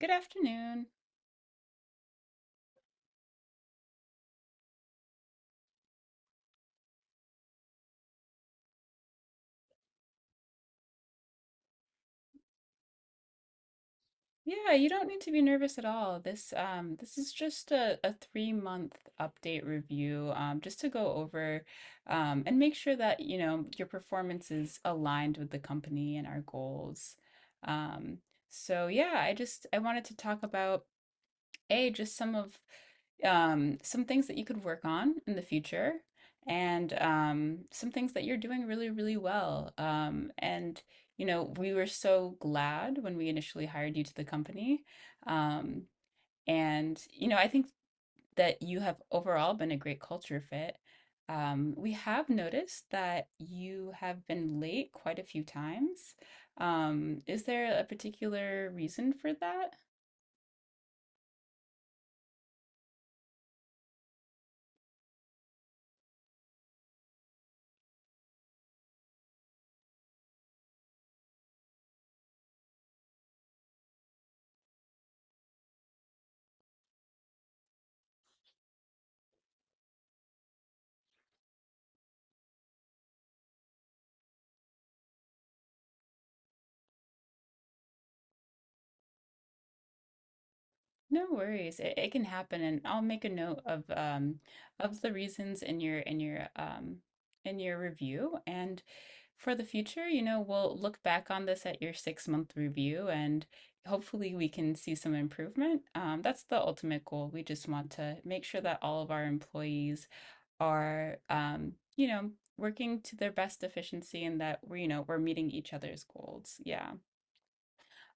Good afternoon. Yeah, you don't need to be nervous at all. This this is just a 3 month update review, just to go over and make sure that you know your performance is aligned with the company and our goals. Um so yeah, I just I wanted to talk about A, just some of some things that you could work on in the future and some things that you're doing really, really well. You know, we were so glad when we initially hired you to the company. Um, you know, I think that you have overall been a great culture fit. We have noticed that you have been late quite a few times. Is there a particular reason for that? No worries. It can happen, and I'll make a note of of the reasons in your in your review. And for the future, you know, we'll look back on this at your 6 month review, and hopefully we can see some improvement. That's the ultimate goal. We just want to make sure that all of our employees are, you know, working to their best efficiency and that we're, you know, we're meeting each other's goals. Yeah.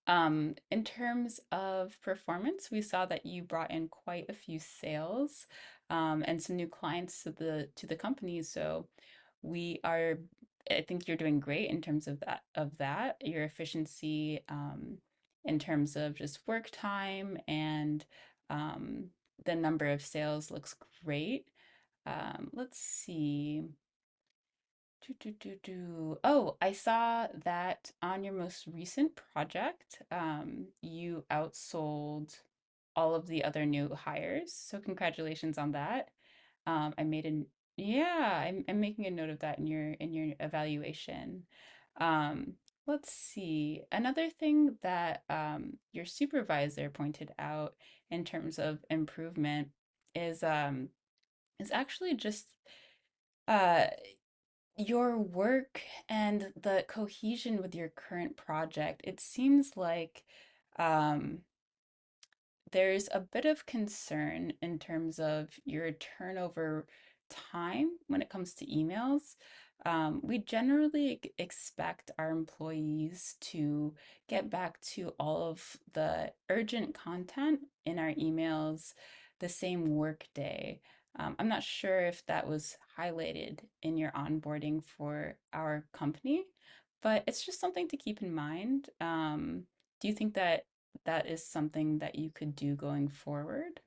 In terms of performance, we saw that you brought in quite a few sales, and some new clients to the company. So we are, I think you're doing great in terms of that. Your efficiency, in terms of just work time and, um, the number of sales looks great. Let's see. Do, do, do, do. Oh, I saw that on your most recent project, you outsold all of the other new hires. So congratulations on that. I made an Yeah, I'm making a note of that in your evaluation. Um, let's see. Another thing that, your supervisor pointed out in terms of improvement is um, is actually just uh your work and the cohesion with your current project. It seems like, um, there's a bit of concern in terms of your turnover time when it comes to emails. We generally expect our employees to get back to all of the urgent content in our emails the same workday. I'm not sure if that was highlighted in your onboarding for our company, but it's just something to keep in mind. Do you think that? That is something that you could do going forward.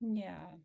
Yeah.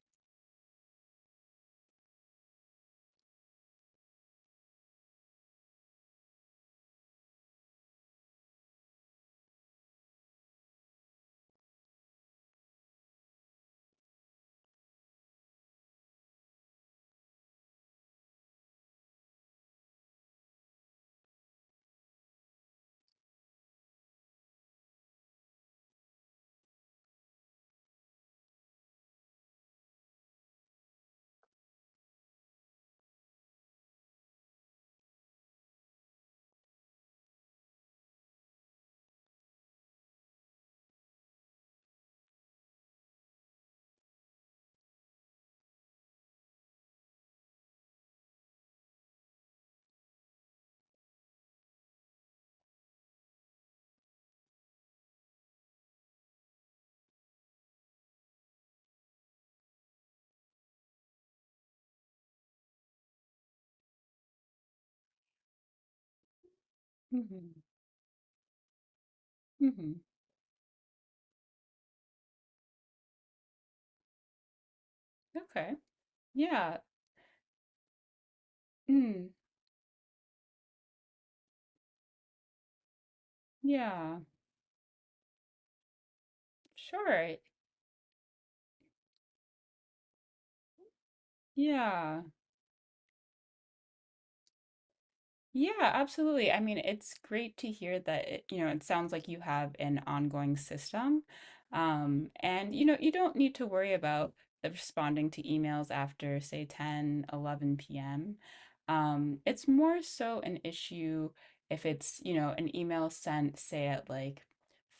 hmm hmm Okay. Yeah. Mm. Yeah. Sure. Yeah. Yeah, absolutely. I mean, it's great to hear that, it, you know, it sounds like you have an ongoing system. And you know, you don't need to worry about the responding to emails after, say, 10, 11 p.m. It's more so an issue if it's, you know, an email sent, say, at like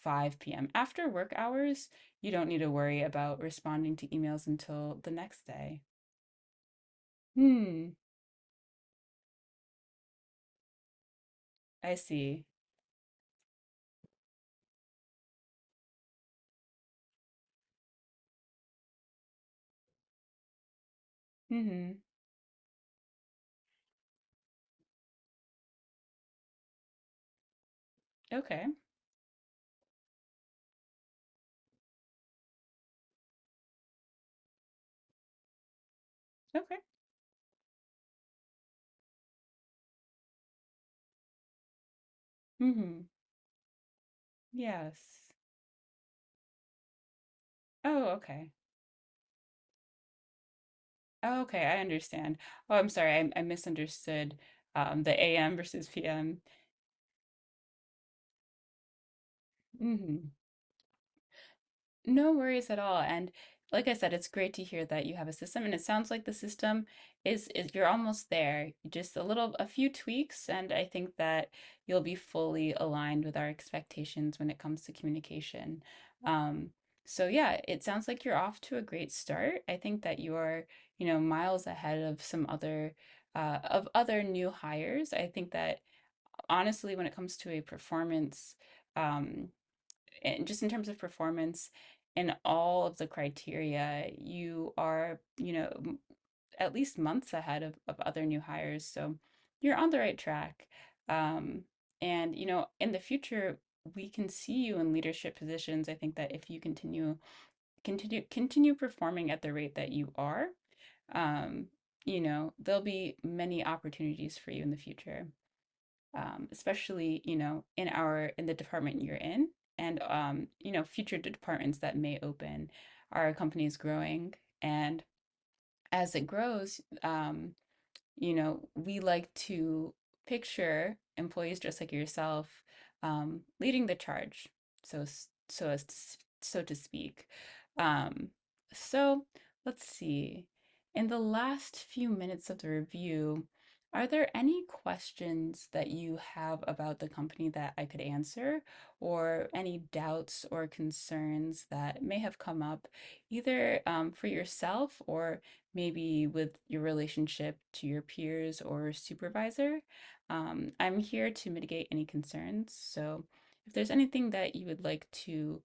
5 p.m. After work hours, you don't need to worry about responding to emails until the next day. Hmm, I see. Mm-hmm. Okay. Okay. Mm-hmm. Yes. Oh, okay. Oh, okay, I understand. Oh, I'm sorry. I misunderstood, the AM versus PM. hmm No worries at all. And like I said, it's great to hear that you have a system, and it sounds like the system is you're almost there. Just a few tweaks, and I think that you'll be fully aligned with our expectations when it comes to communication. Um, so yeah, it sounds like you're off to a great start. I think that you are, you know, miles ahead of some other of other new hires. I think that honestly, when it comes to a performance, um and just in terms of performance and all of the criteria, you are, you know, at least months ahead of other new hires. So you're on the right track. Um, you know, in the future, we can see you in leadership positions. I think that if continue performing at the rate that you are, um, you know, there'll be many opportunities for you in the future, especially you know in our in the department you're in and, you know, future departments that may open. Our company is growing, and as it grows, you know, we like to picture employees just like yourself, leading the charge, so so as to, so to speak. Um, so let's see. In the last few minutes of the review, are there any questions that you have about the company that I could answer, or any doubts or concerns that may have come up, either, for yourself or maybe with your relationship to your peers or supervisor. I'm here to mitigate any concerns. So if there's anything that you would like to,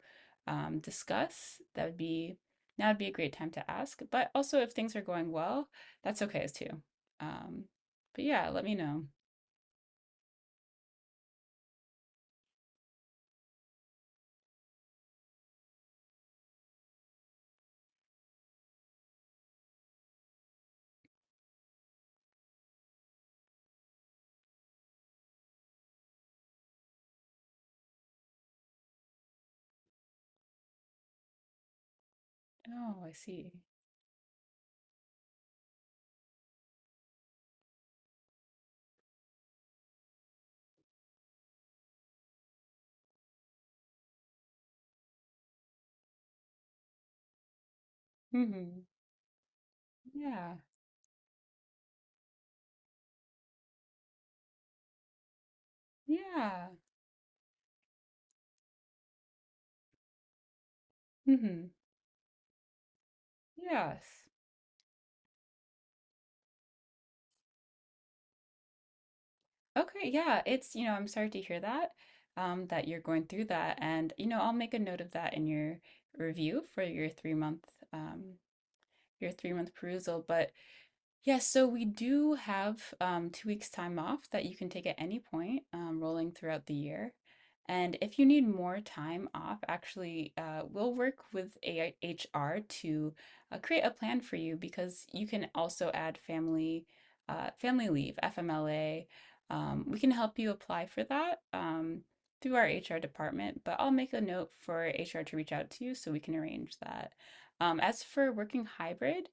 discuss, that would be, now would be a great time to ask. But also, if things are going well, that's okay as too. Um, but yeah, let me know. Oh, I see. Mm-hmm. Yeah. Yeah. Mm-hmm. Yes. Okay, yeah, it's, you know, I'm sorry to hear that, that you're going through that. And, you know, I'll make a note of that in your review for your 3 month, um, your three-month perusal. But yes, so we do have, 2 weeks' time off that you can take at any point, rolling throughout the year. And if you need more time off, actually, we'll work with AHR to create a plan for you, because you can also add family leave, FMLA. We can help you apply for that, through our HR department, but I'll make a note for HR to reach out to you so we can arrange that. As for working hybrid,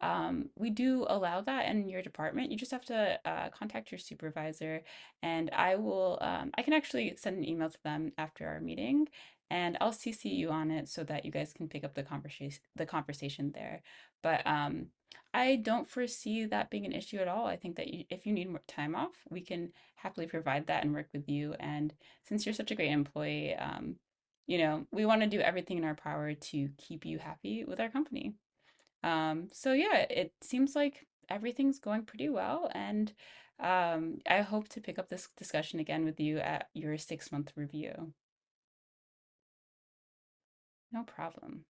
we do allow that in your department. You just have to contact your supervisor, and I can actually send an email to them after our meeting, and I'll CC you on it so that you guys can pick up the conversation there. But I don't foresee that being an issue at all. I think that if you need more time off, we can happily provide that and work with you. And since you're such a great employee, you know, we want to do everything in our power to keep you happy with our company. So yeah, it seems like everything's going pretty well, and, I hope to pick up this discussion again with you at your 6 month review. No problem.